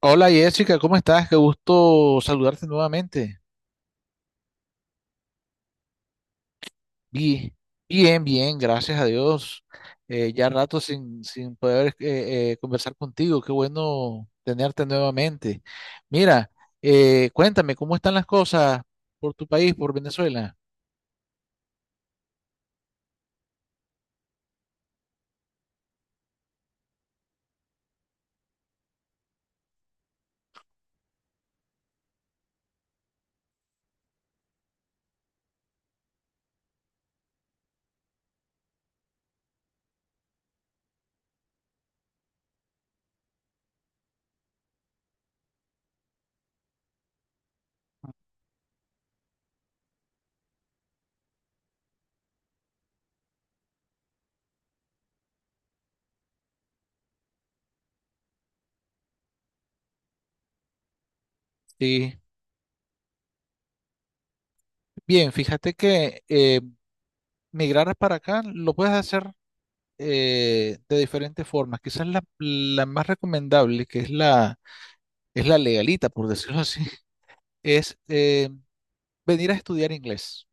Hola Jessica, ¿cómo estás? Qué gusto saludarte nuevamente. Bien, bien, bien, gracias a Dios. Ya rato sin poder conversar contigo. Qué bueno tenerte nuevamente. Mira, cuéntame, ¿cómo están las cosas por tu país, por Venezuela? Sí, bien, fíjate que migrar para acá lo puedes hacer de diferentes formas. Quizás la más recomendable, que es la legalita, por decirlo así, es... eh, venir a estudiar inglés.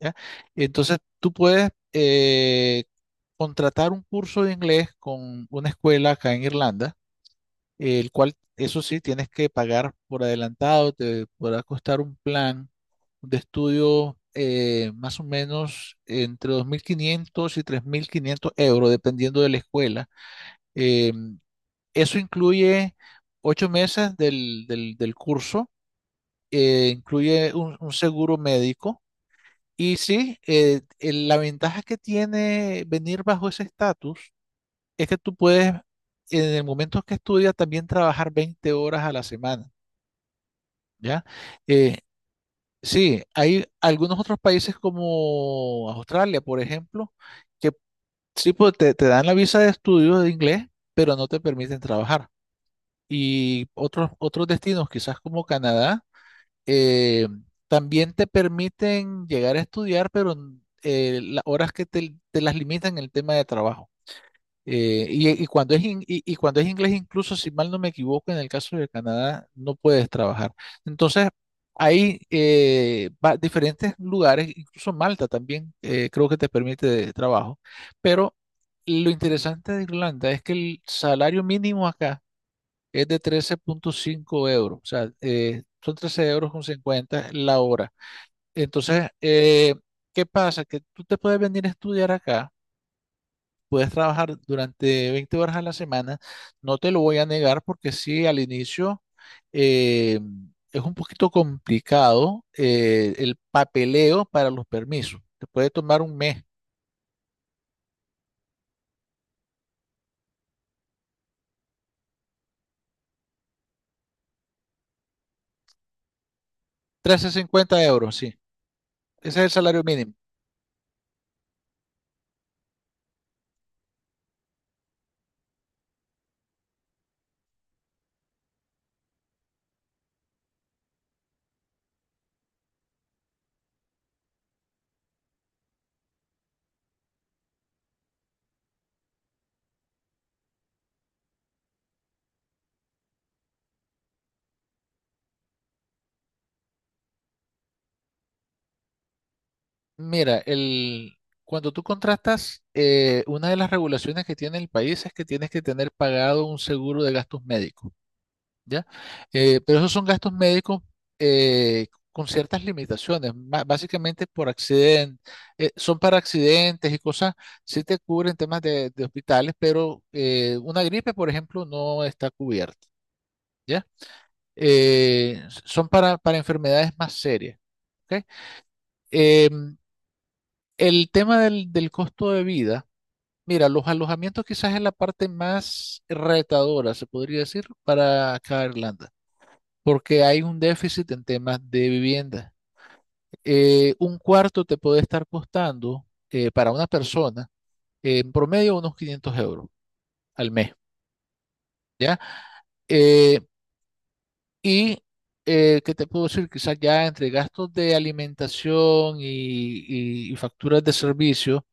¿Ya? Entonces tú puedes contratar un curso de inglés con una escuela acá en Irlanda, el cual, eso sí, tienes que pagar por adelantado. Te podrá costar un plan de estudio más o menos entre 2500 y 3500 euros, dependiendo de la escuela. Eh, Eso incluye 8 meses del curso. Incluye un seguro médico. Y sí, la ventaja que tiene venir bajo ese estatus es que tú puedes, en el momento que estudias, también trabajar 20 horas a la semana. ¿Ya? Eh, sí, hay algunos otros países como Australia, por ejemplo, que sí pues, te dan la visa de estudio de inglés, pero no te permiten trabajar. Y otros destinos, quizás como Canadá, eh, también te permiten llegar a estudiar, pero las horas que te las limitan en el tema de trabajo. Y cuando es in- y Cuando es inglés, incluso si mal no me equivoco, en el caso de Canadá no puedes trabajar. Entonces, hay diferentes lugares. Incluso Malta también, creo que te permite trabajo, pero lo interesante de Irlanda es que el salario mínimo acá es de 13,5 euros. O sea, son 13,50 euros la hora. Entonces, ¿qué pasa? Que tú te puedes venir a estudiar acá, puedes trabajar durante 20 horas a la semana. No te lo voy a negar, porque sí, al inicio eh, es un poquito complicado. El papeleo para los permisos te puede tomar un mes. 13,50 euros, sí, ese es el salario mínimo. Mira, cuando tú contratas, una de las regulaciones que tiene el país es que tienes que tener pagado un seguro de gastos médicos. ¿Ya? Pero esos son gastos médicos, con ciertas limitaciones, básicamente por accidente. Son para accidentes y cosas. Sí te cubren temas de hospitales, pero una gripe, por ejemplo, no está cubierta. ¿Ya? Son para enfermedades más serias. ¿Ok? Em, El tema del costo de vida, mira, los alojamientos quizás es la parte más retadora, se podría decir, para acá Irlanda, porque hay un déficit en temas de vivienda. Un cuarto te puede estar costando, para una persona, en promedio unos 500 euros al mes. ¿Ya? Eh, Y, ¿qué te puedo decir? Quizás ya entre gastos de alimentación y facturas de servicio,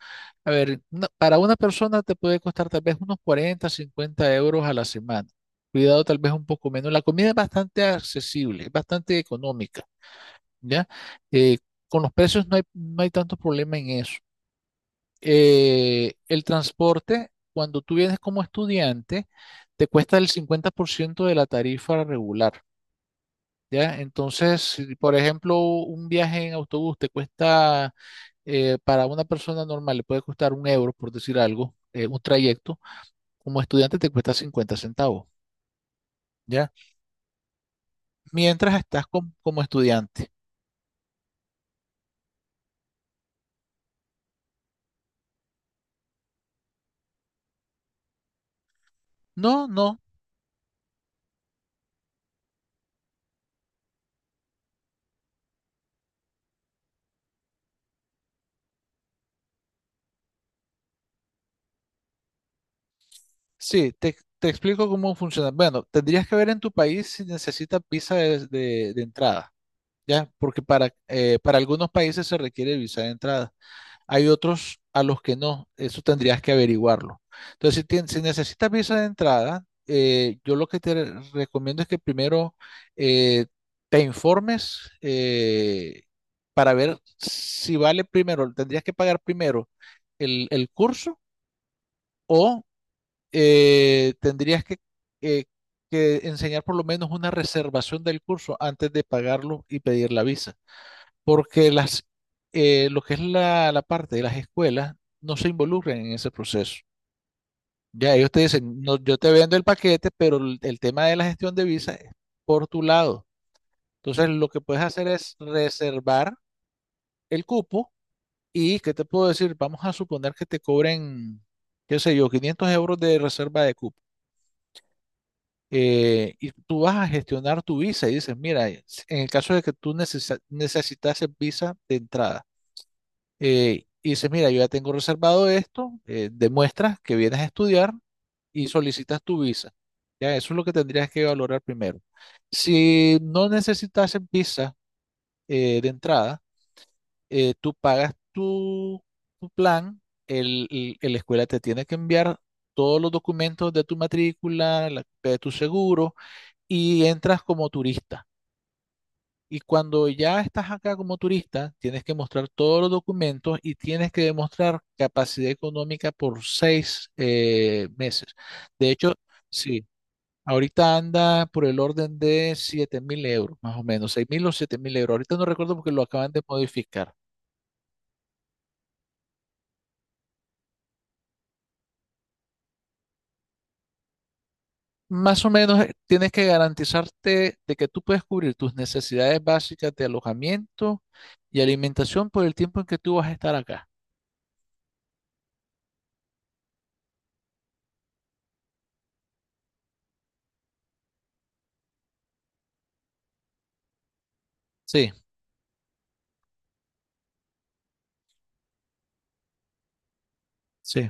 a ver, para una persona te puede costar tal vez unos 40 50 euros a la semana. Cuidado, tal vez un poco menos. La comida es bastante accesible, es bastante económica. ¿Ya? Eh, con los precios no hay, no hay tanto problema en eso. El transporte, cuando tú vienes como estudiante, te cuesta el 50% de la tarifa regular. ¿Ya? Entonces, si, por ejemplo, un viaje en autobús te cuesta, para una persona normal le puede costar un euro, por decir algo, un trayecto, como estudiante te cuesta 50 centavos. ¿Ya? Mientras estás como estudiante. No, no, sí, te explico cómo funciona. Bueno, tendrías que ver en tu país si necesitas visa de entrada. ¿Ya? Porque para algunos países se requiere visa de entrada. Hay otros a los que no. Eso tendrías que averiguarlo. Entonces, si necesitas visa de entrada, yo lo que te recomiendo es que primero eh, te informes, para ver si vale. Primero, tendrías que pagar primero el curso o tendrías eh, que enseñar por lo menos una reservación del curso antes de pagarlo y pedir la visa, porque lo que es la parte de las escuelas no se involucran en ese proceso. Ya ellos te dicen: no, yo te vendo el paquete, pero el tema de la gestión de visa es por tu lado. Entonces, lo que puedes hacer es reservar el cupo. Y, ¿qué te puedo decir? Vamos a suponer que te cobren, qué sé yo, 500 euros de reserva de cupo. Y tú vas a gestionar tu visa y dices, mira, en el caso de que tú necesitases visa de entrada. Y dices, mira, yo ya tengo reservado esto. Demuestras que vienes a estudiar y solicitas tu visa. Ya, eso es lo que tendrías que valorar primero. Si no necesitas visa, de entrada, tú pagas tu plan. La escuela te tiene que enviar todos los documentos de tu matrícula, la copia de tu seguro, y entras como turista. Y cuando ya estás acá como turista, tienes que mostrar todos los documentos y tienes que demostrar capacidad económica por seis meses. De hecho, sí, ahorita anda por el orden de 7000 euros, más o menos, 6000 o 7000 euros. Ahorita no recuerdo porque lo acaban de modificar. Más o menos, tienes que garantizarte de que tú puedes cubrir tus necesidades básicas de alojamiento y alimentación por el tiempo en que tú vas a estar acá. Sí, sí.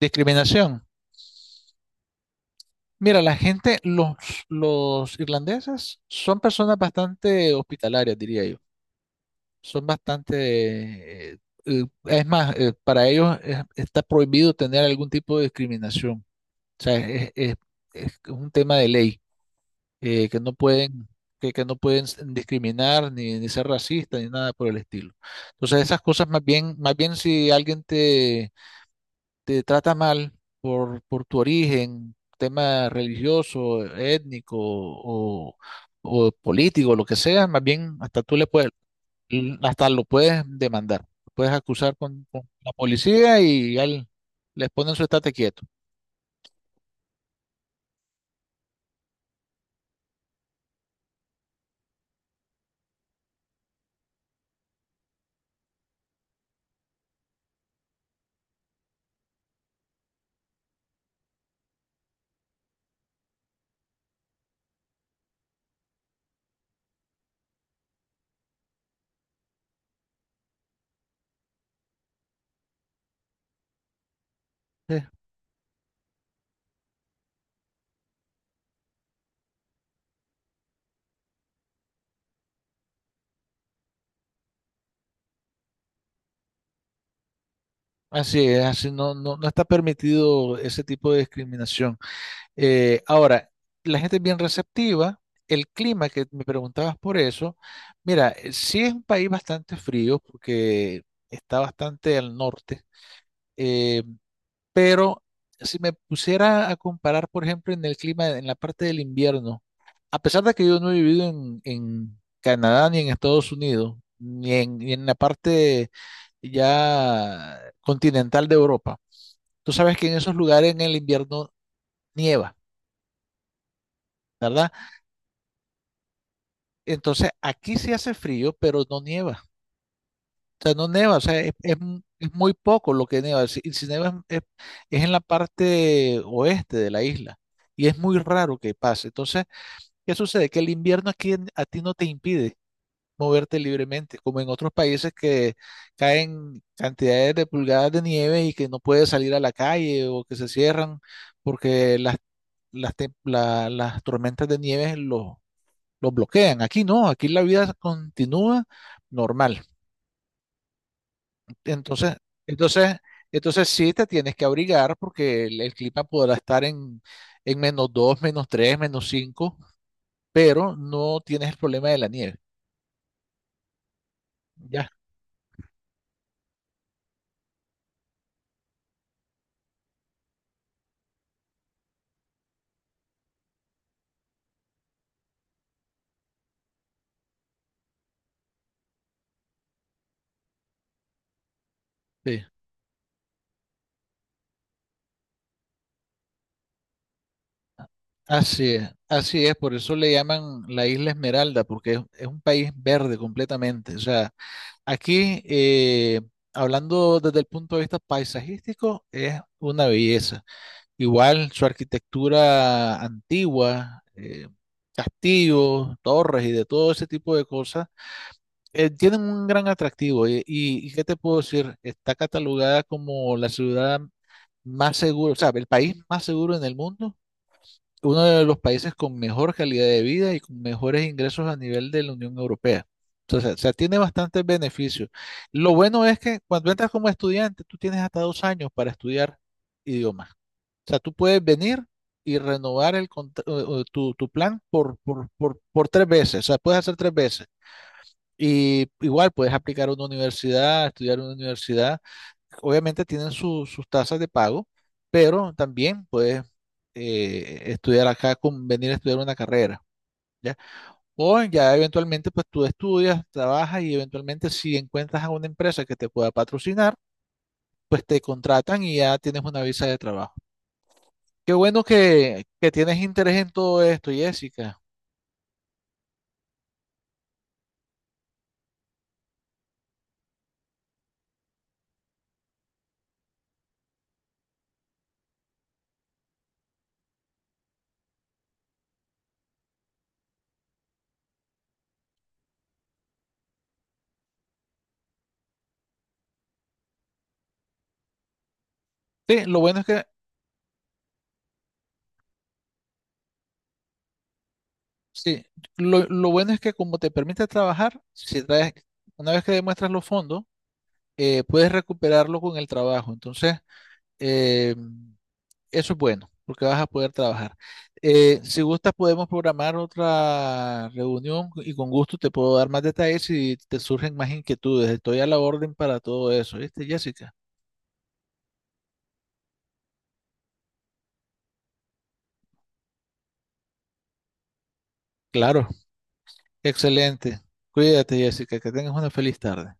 Discriminación. Mira, la gente, los irlandeses son personas bastante hospitalarias, diría yo. Son bastante... es más, para ellos está prohibido tener algún tipo de discriminación. O sea, es un tema de ley, que no pueden, que no pueden discriminar ni ser racistas ni nada por el estilo. Entonces, esas cosas más bien si alguien te trata mal por tu origen, tema religioso, étnico o político, lo que sea, más bien hasta tú le puedes, hasta lo puedes demandar, puedes acusar con la policía y ya les ponen su estate quieto. Sí. Así es. Así no, no, no está permitido ese tipo de discriminación. Ahora, la gente es bien receptiva. El clima, que me preguntabas por eso, mira, sí, es un país bastante frío porque está bastante al norte, eh, pero si me pusiera a comparar, por ejemplo, en el clima, en la parte del invierno, a pesar de que yo no he vivido en Canadá ni en Estados Unidos, ni en la parte ya continental de Europa, tú sabes que en esos lugares en el invierno nieva, ¿verdad? Entonces, aquí sí hace frío, pero no nieva. O sea, no nieva. O sea, es muy poco lo que nieva. Si nieva, es en la parte oeste de la isla, y es muy raro que pase. Entonces, ¿qué sucede? Que el invierno aquí, a ti no te impide moverte libremente, como en otros países que caen cantidades de pulgadas de nieve y que no puedes salir a la calle, o que se cierran porque las tormentas de nieve los bloquean. Aquí no, aquí la vida continúa normal. Entonces, entonces, entonces sí te tienes que abrigar porque el clima podrá estar en menos dos, menos tres, menos cinco, pero no tienes el problema de la nieve. Ya, sí. Así es, así es. Por eso le llaman la Isla Esmeralda, porque es un país verde completamente. O sea, aquí, hablando desde el punto de vista paisajístico, es una belleza. Igual su arquitectura antigua, castillos, torres y de todo ese tipo de cosas, tienen un gran atractivo. Y ¿qué te puedo decir? Está catalogada como la ciudad más segura, o sea, el país más seguro en el mundo, uno de los países con mejor calidad de vida y con mejores ingresos a nivel de la Unión Europea. Entonces, o sea, tiene bastantes beneficios. Lo bueno es que cuando entras como estudiante, tú tienes hasta 2 años para estudiar idiomas. O sea, tú puedes venir y renovar el contra- o tu plan por tres veces. O sea, puedes hacer tres veces. Y igual puedes aplicar a una universidad, estudiar en una universidad. Obviamente tienen sus tasas de pago, pero también puedes estudiar acá, venir a estudiar una carrera. ¿Ya? O ya eventualmente, pues tú estudias, trabajas y eventualmente, si encuentras a una empresa que te pueda patrocinar, pues te contratan y ya tienes una visa de trabajo. Qué bueno que tienes interés en todo esto, Jessica. Sí, lo bueno es que, sí, lo bueno es que como te permite trabajar, si traes, una vez que demuestras los fondos, puedes recuperarlo con el trabajo. Entonces, eh, eso es bueno, porque vas a poder trabajar. Si gustas, podemos programar otra reunión y con gusto te puedo dar más detalles si te surgen más inquietudes. Estoy a la orden para todo eso, ¿viste, Jessica? Claro, excelente. Cuídate, Jessica, que tengas una feliz tarde.